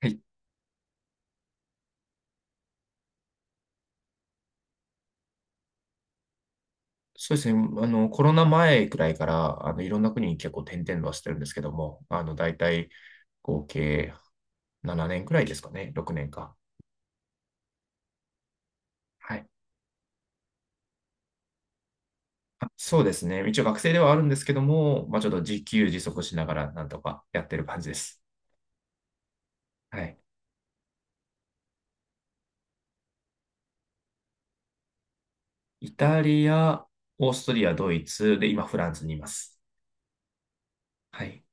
はい。そうですね。コロナ前くらいから、いろんな国に結構転々としてるんですけども、大体合計7年くらいですかね。6年か。はい。あ、そうですね。一応学生ではあるんですけども、まあ、ちょっと自給自足しながらなんとかやってる感じです。はい。イタリア、オーストリア、ドイツ、で、今フランスにいます。はい。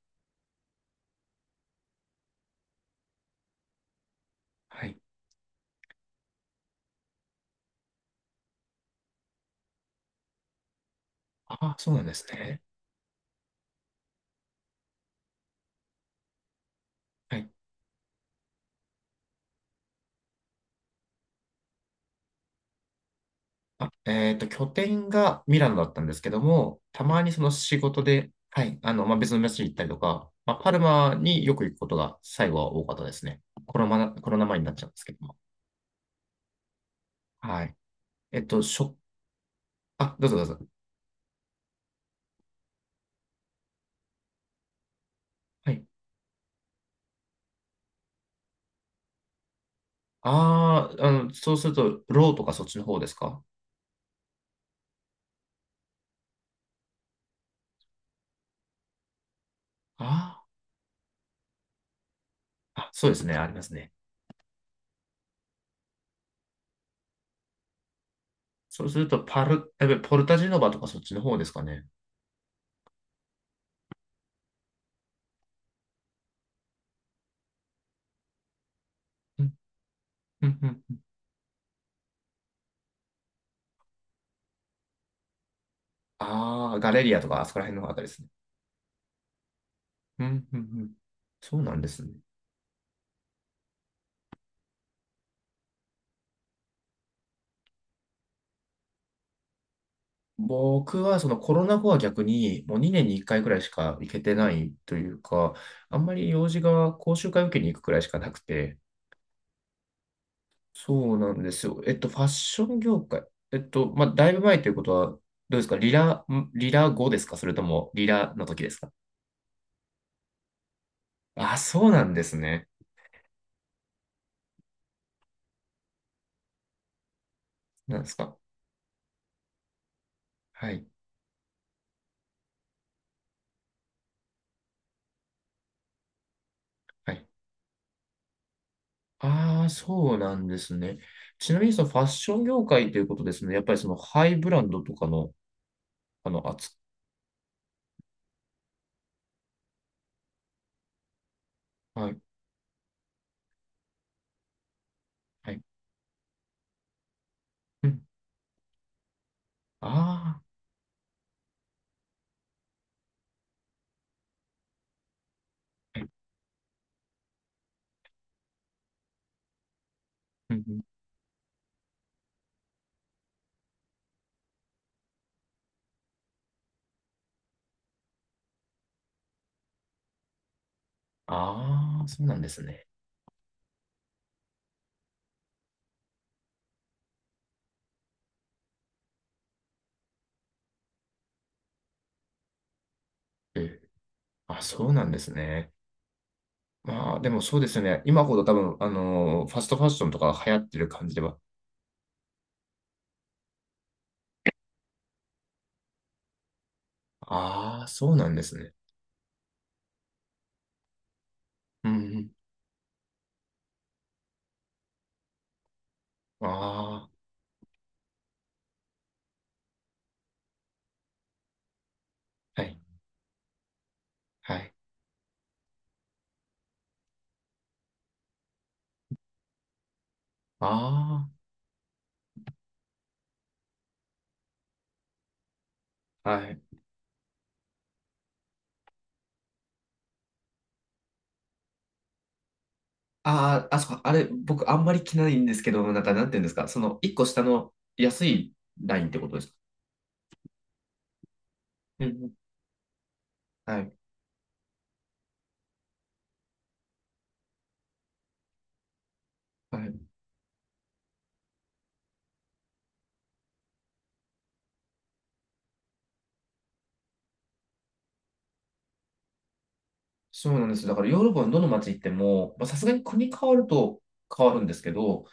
はい。ああ、そうなんですね。はい。あ、拠点がミラノだったんですけども、たまにその仕事で、はい、まあ、別の街に行ったりとか、まあ、パルマによく行くことが最後は多かったですね。コロナ前になっちゃうんですけども。はい。えっと、しょ、あ、どうぞどうぞ。はい。ああ、そうすると、ローとかそっちの方ですか？ああ、そうですね、ありますね。そうすると、パル、えポルタジェノバとかそっちの方ですかね。うん、うん、うん。ああ、ガレリアとか、あそこら辺のあたりですね。うん、うん、うん。そうなんですね。僕はそのコロナ後は逆にもう2年に1回くらいしか行けてないというか、あんまり用事が講習会受けに行くくらいしかなくて、そうなんですよ。ファッション業界。まあ、だいぶ前ということは、どうですか？リラ後ですか？それともリラの時ですか？あ、そうなんですね。なんですか？はい。はい。ああ、そうなんですね。ちなみにそのファッション業界ということですね。やっぱりそのハイブランドとかの、扱い。はい。はい。うん。ああ。はい、うん、うん、ああー、そうなんですね。うん。あ、そうなんですね。まあ、でもそうですよね。今ほど多分、ファストファッションとか流行ってる感じでは。ああ、そうなんですね。うん、うん。ああ、はい、はい。ああ、はい。ああ、あそこ、あれ、僕あんまり着ないんですけど、なんか、なんていうんですか、一個下の安いラインってことですか？うん、うん。はい、はい。そうなんです。だからヨーロッパのどの街行っても、まあさすがに国変わると変わるんですけど、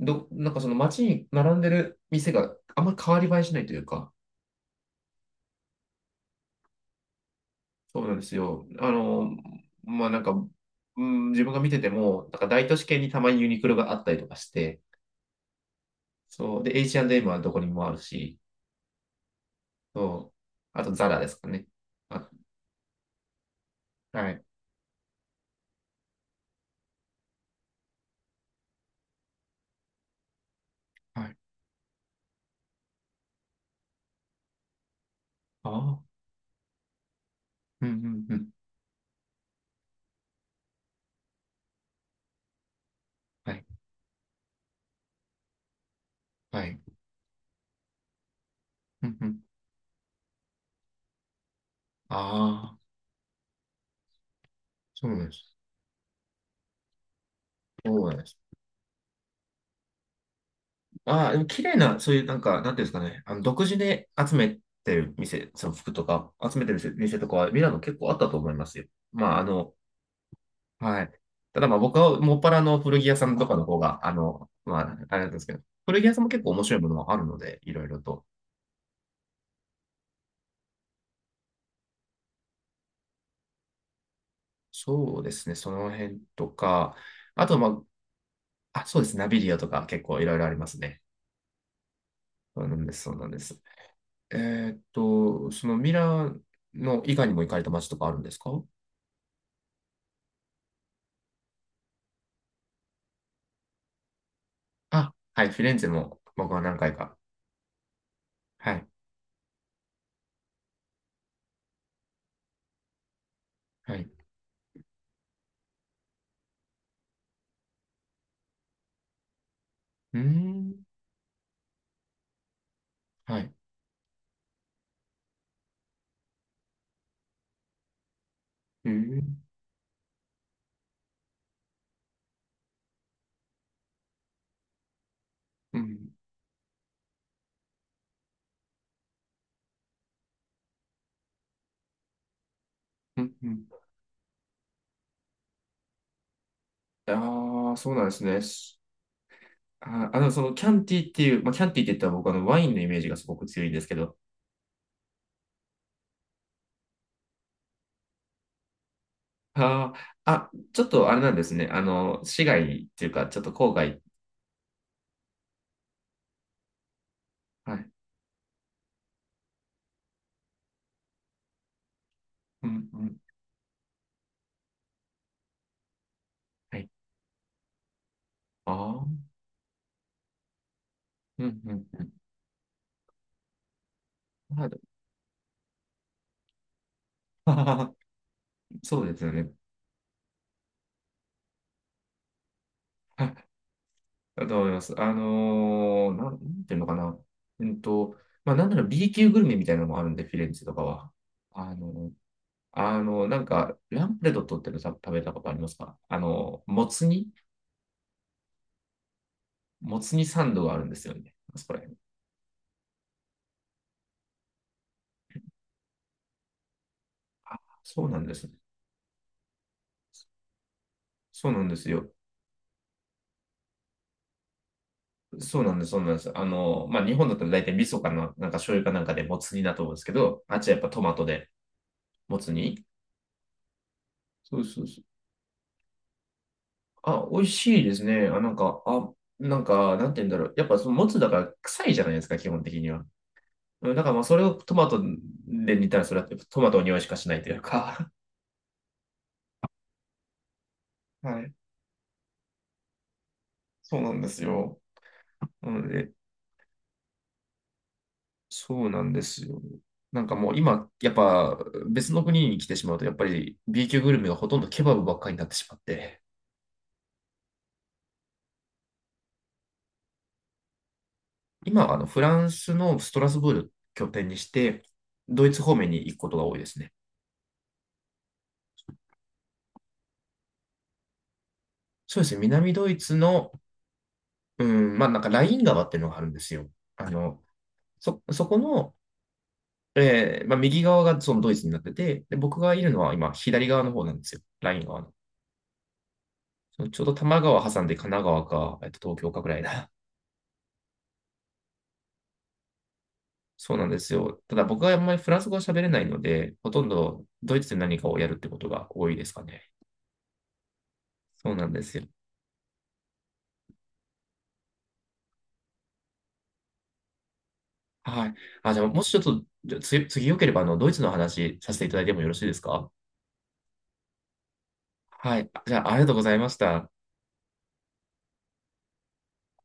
なんかその街に並んでる店があんまり変わり映えしないというか、そうなんですよ。まあなんか、うん、自分が見てても、なんか大都市圏にたまにユニクロがあったりとかして、そう。で、H&M はどこにもあるし、そう。あとザラですかね。あ、はい。はい。ああ。うん、うん、うん。はい。はい。うん、うん。ああ。そうなんです。そうなんです。ああ、でも綺麗な、そういう、なんか、なんていうんですかね、独自で集めてる店、その服とか、集めてる店とかは、ミラノ結構あったと思いますよ。まあ、はい。ただまあ、僕はもっぱらの古着屋さんとかの方が、まあ、あれなんですけど、古着屋さんも結構面白いものはあるので、いろいろと。そうですね、その辺とか、あと、まあ、あ、そうです、ナビリアとか結構いろいろありますね。そうなんです、そうなんです。そのミラノ以外にも行かれた街とかあるんですか？あ、はい、フィレンツェも僕は何回か。はい、はい。うーん、はい。うーん、うん、うん、うん。ああ、そうなんですね。しあー、あの、そのキャンティっていう、まあ、キャンティって言ったら僕はあのワインのイメージがすごく強いんですけど。ああ、あ、ちょっとあれなんですね。市外っていうか、ちょっと郊外。はい。うん、うん。はい。ああ、うん、うん、うん。あー そうですよね。だと思います。なんていうのかな。うんと、まあ、なんなら B 級グルメみたいなのもあるんで、フィレンツェとかは。あの、なんか、ランプレドットってのさ食べたことありますか？もつ煮もつ煮サンドがあるんですよね。あそこら辺。そうなんですね。そうなんですよ。そうなんです、そうなんです。まあ、日本だったら大体味噌かな、なんか醤油かなんかでもつ煮だと思うんですけど、あっちはやっぱトマトでもつ煮。そうそうそう。あ、美味しいですね。あ、なんか、なんて言うんだろう。やっぱそのもつだから臭いじゃないですか、基本的には。うん、だからまあそれをトマトで煮たらそれはトマトの匂いしかしないというか。はい。そうなんですよ。なので、そうなんですよ。なんかもう今、やっぱ別の国に来てしまうと、やっぱり B 級グルメがほとんどケバブばっかりになってしまって、今はフランスのストラスブール拠点にして、ドイツ方面に行くことが多いですね。そうですね。南ドイツの、うん、まあなんかライン川っていうのがあるんですよ。あの、そこの、まあ、右側がそのドイツになってて、で、僕がいるのは今左側の方なんですよ。ライン川の。そのちょうど多摩川挟んで神奈川か、東京かぐらいだ。そうなんですよ。ただ僕はあんまりフランス語は喋れないので、ほとんどドイツで何かをやるってことが多いですかね。そうなんですよ。はい。あ、じゃあもしちょっと、じゃあ次よければドイツの話させていただいてもよろしいですか？はい。じゃあ、ありがとうございました。